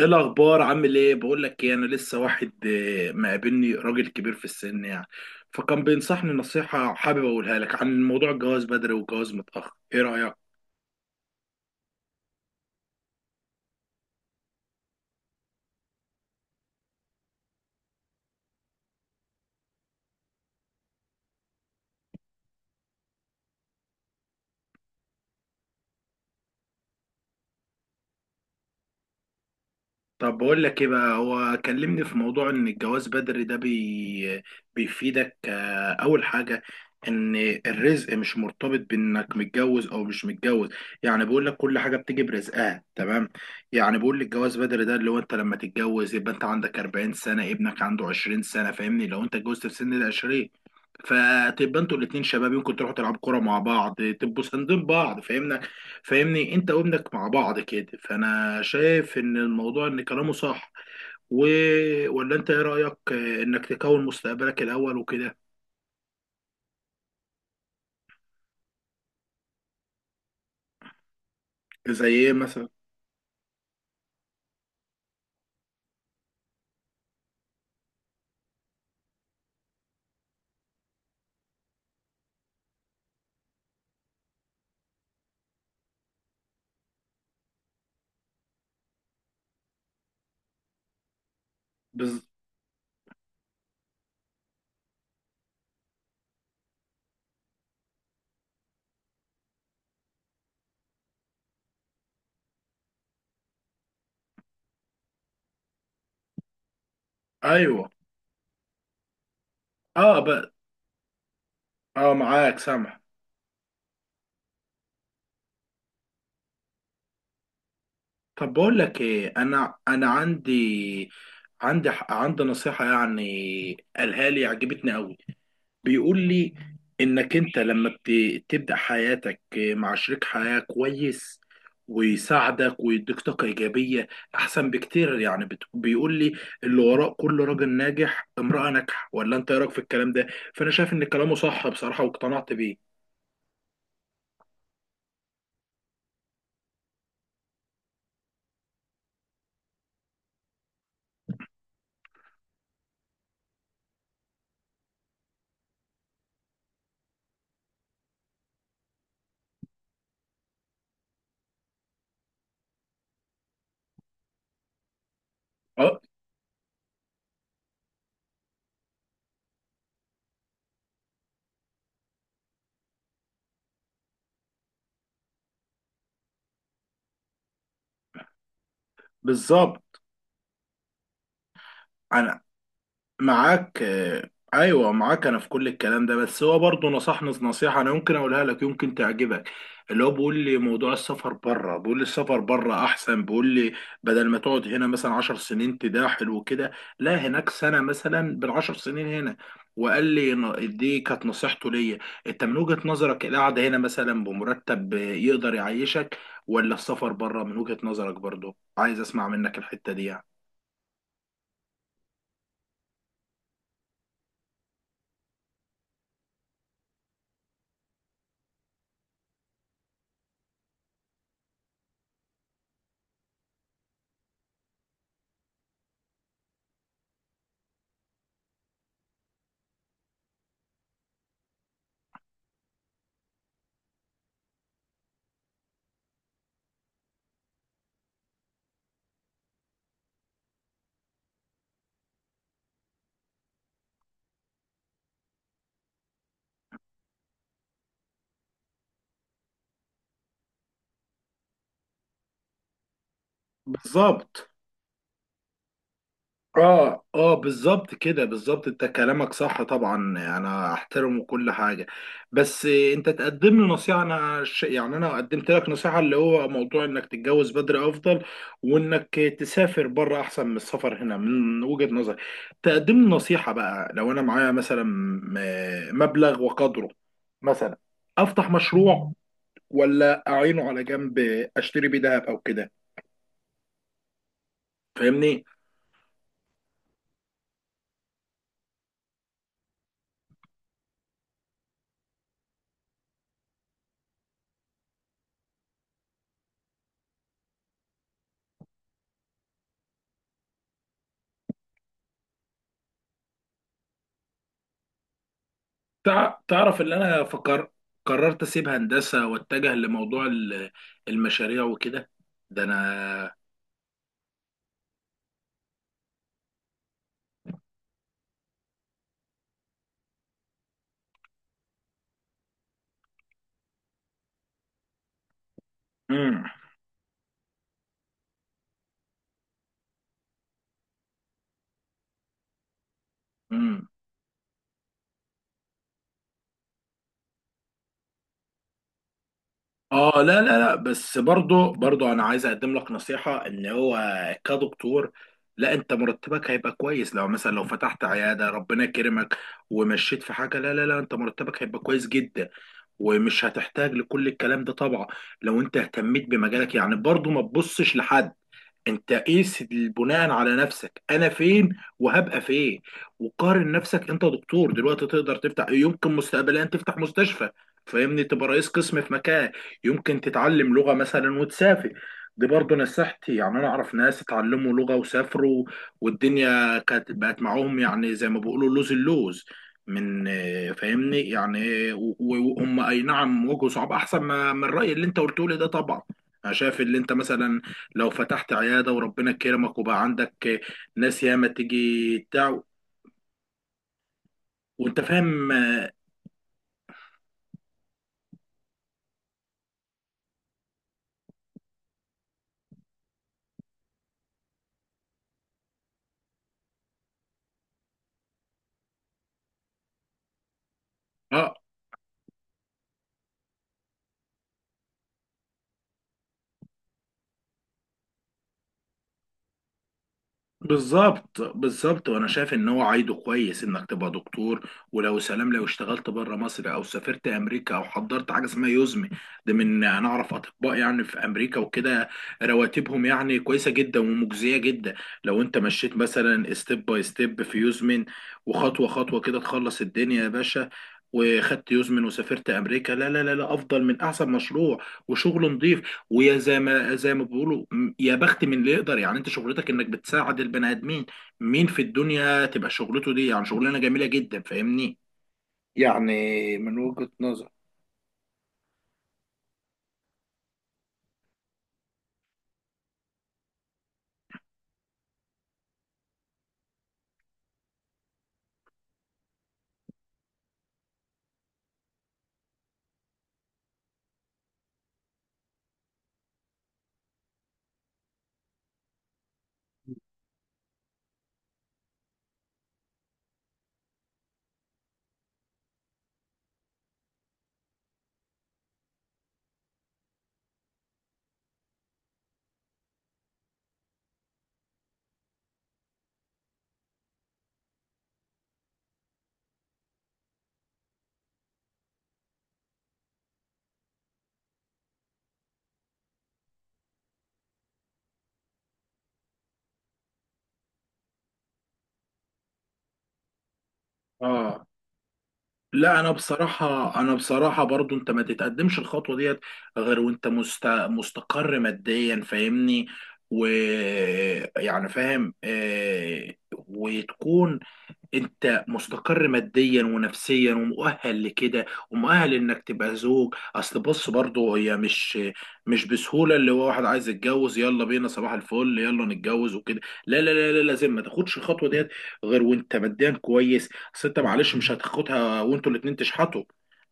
ايه الاخبار؟ عامل ايه؟ بقول لك ايه، انا لسه واحد مقابلني راجل كبير في السن، يعني. فكان بينصحني نصيحة، حابب اقولها لك عن موضوع الجواز بدري والجواز متأخر، ايه رأيك؟ طب بقول لك ايه بقى. هو كلمني في موضوع ان الجواز بدري ده بيفيدك. اول حاجة ان الرزق مش مرتبط بانك متجوز او مش متجوز، يعني بيقول لك كل حاجة بتيجي برزقها، تمام. يعني بيقول لي الجواز بدري ده اللي هو انت لما تتجوز يبقى انت عندك 40 سنة، ابنك عنده 20 سنة، فاهمني؟ لو انت اتجوزت في سن ال 20، فتبقى انتوا الاتنين شباب، يمكن تروحوا تلعبوا كوره مع بعض، تبقوا ساندين بعض، فاهمنا. فاهمني، انت وابنك مع بعض كده. فانا شايف ان الموضوع ان كلامه صح، و... ولا انت ايه رايك انك تكون مستقبلك الاول وكده؟ زي ايه مثلا؟ بز... ايوه. اه. اه، معاك سامح. طب بقول لك ايه، انا عندي نصيحه يعني، قالها لي، عجبتني قوي. بيقول لي انك انت لما بتبدأ حياتك مع شريك حياة كويس ويساعدك ويديك طاقة إيجابية، أحسن بكتير. يعني بيقول لي اللي وراء كل راجل ناجح امرأة ناجحة، ولا أنت إيه رأيك في الكلام ده؟ فأنا شايف إن كلامه صح بصراحة، واقتنعت بيه. أه، بالظبط. أنا معاك، ايوه، معاك انا في كل الكلام ده، بس هو برضه نصحني نصيحه، انا يمكن اقولها لك، يمكن تعجبك. اللي هو بيقول لي موضوع السفر بره، بيقول لي السفر بره احسن. بيقول لي بدل ما تقعد هنا مثلا عشر سنين تداحل وكده، لا هناك سنه مثلا بالعشر سنين هنا. وقال لي دي كانت نصيحته ليا. انت من وجهه نظرك القعده هنا مثلا بمرتب يقدر يعيشك، ولا السفر بره من وجهه نظرك؟ برضه عايز اسمع منك الحته دي، يعني. بالظبط. اه، اه، بالظبط كده، بالظبط. انت كلامك صح طبعا، يعني انا احترمه كل حاجه، بس انت تقدم لي نصيحه. يعني انا قدمت لك نصيحه، اللي هو موضوع انك تتجوز بدري افضل، وانك تسافر بره احسن من السفر هنا، من وجهه نظري. تقدم لي نصيحه بقى، لو انا معايا مثلا مبلغ وقدره، مثلا افتح مشروع، ولا اعينه على جنب، اشتري بيه دهب او كده، فاهمني؟ تعرف ان انا فكر، قررت اسيب هندسه واتجه لموضوع المشاريع وكده، ده انا. امم. امم. اه، لا لا لا، بس برضو انا عايز اقدم لك نصيحه، ان هو كدكتور، لا، انت مرتبك هيبقى كويس لو مثلا لو فتحت عياده ربنا كرمك ومشيت في حاجه. لا لا لا، انت مرتبك هيبقى كويس جدا، ومش هتحتاج لكل الكلام ده طبعا لو انت اهتميت بمجالك. يعني برضو ما تبصش لحد، انت قيس بناء على نفسك، انا فين وهبقى فين. وقارن نفسك، انت دكتور دلوقتي، تقدر تفتح، يمكن مستقبليا تفتح مستشفى، فاهمني؟ تبقى رئيس قسم في مكان، يمكن تتعلم لغة مثلا وتسافر. دي برضه نصيحتي، يعني انا اعرف ناس اتعلموا لغة وسافروا، والدنيا كانت بقت معاهم، يعني زي ما بيقولوا لوز اللوز من، فاهمني يعني، وهم اي نعم واجهوا صعوبة، احسن ما من الرأي اللي انت قلته لي ده طبعا. انا شايف اللي انت مثلا لو فتحت عيادة وربنا كرمك، وبقى عندك ناس ياما تيجي بتاع، وانت فاهم. اه، بالظبط بالظبط. وانا شايف ان هو عايده كويس انك تبقى دكتور، ولو سلام لو اشتغلت بره مصر او سافرت امريكا، او حضرت حاجه اسمها يوزمي. ده من، انا اعرف اطباء يعني في امريكا وكده، رواتبهم يعني كويسه جدا ومجزيه جدا. لو انت مشيت مثلا ستيب باي ستيب في يوزمن، وخطوه خطوه كده، تخلص الدنيا يا باشا. وخدت يوزمن وسافرت امريكا، لا لا لا لا، افضل من احسن مشروع وشغل نظيف. ويا، زي ما بيقولوا، يا بخت من اللي يقدر. يعني انت شغلتك انك بتساعد البني ادمين، مين في الدنيا تبقى شغلته دي؟ يعني شغلانه جميله جدا، فاهمني. يعني من وجهة نظر. اه، لا، انا بصراحه برضو انت ما تتقدمش الخطوه ديت غير وانت مستقر ماديا، فاهمني؟ ويعني فاهم، وتكون انت مستقر ماديا ونفسيا، ومؤهل لكده، ومؤهل انك تبقى زوج. اصل بص برضو، هي مش بسهوله اللي هو واحد عايز يتجوز يلا بينا صباح الفل يلا نتجوز وكده. لا لا لا لا، لازم ما تاخدش الخطوه ديت غير وانت ماديا كويس، اصل انت معلش مش هتاخدها وانتوا الاتنين تشحطوا.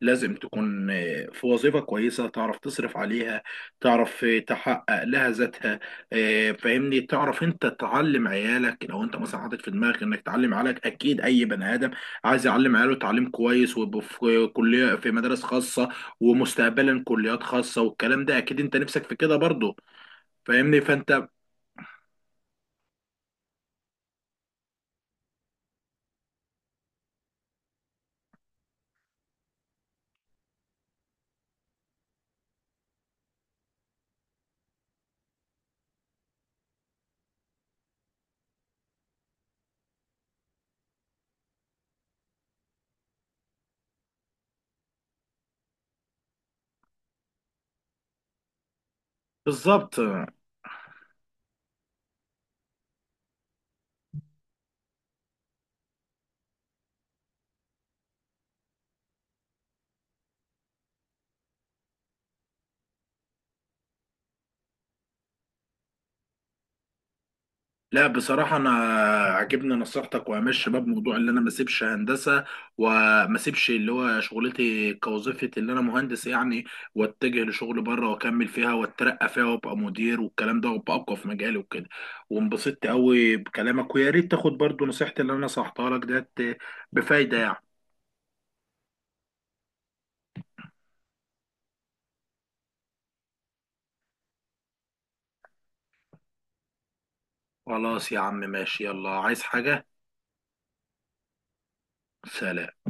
لازم تكون في وظيفة كويسة تعرف تصرف عليها، تعرف تحقق لها ذاتها. فاهمني، تعرف انت تعلم عيالك لو انت مثلا حاطط في دماغك انك تعلم عيالك. اكيد اي بني ادم عايز يعلم عياله تعليم كويس، ويبقوا في كلية في مدارس خاصة، ومستقبلا كليات خاصة والكلام ده، اكيد انت نفسك في كده برضه. فاهمني، فانت. بالظبط. لا بصراحة أنا عجبني نصيحتك، وهمشي شباب موضوع اللي أنا ما أسيبش هندسة، وما أسيبش اللي هو شغلتي كوظيفة اللي أنا مهندس يعني. وأتجه لشغل بره وأكمل فيها وأترقى فيها وأبقى مدير والكلام ده، وأبقى أقوى في مجالي وكده. وانبسطت أوي بكلامك، ويا ريت تاخد برضو نصيحتي اللي أنا نصحتها لك ديت، بفايدة يعني. خلاص يا عم، ماشي. يلا، عايز حاجة؟ سلام.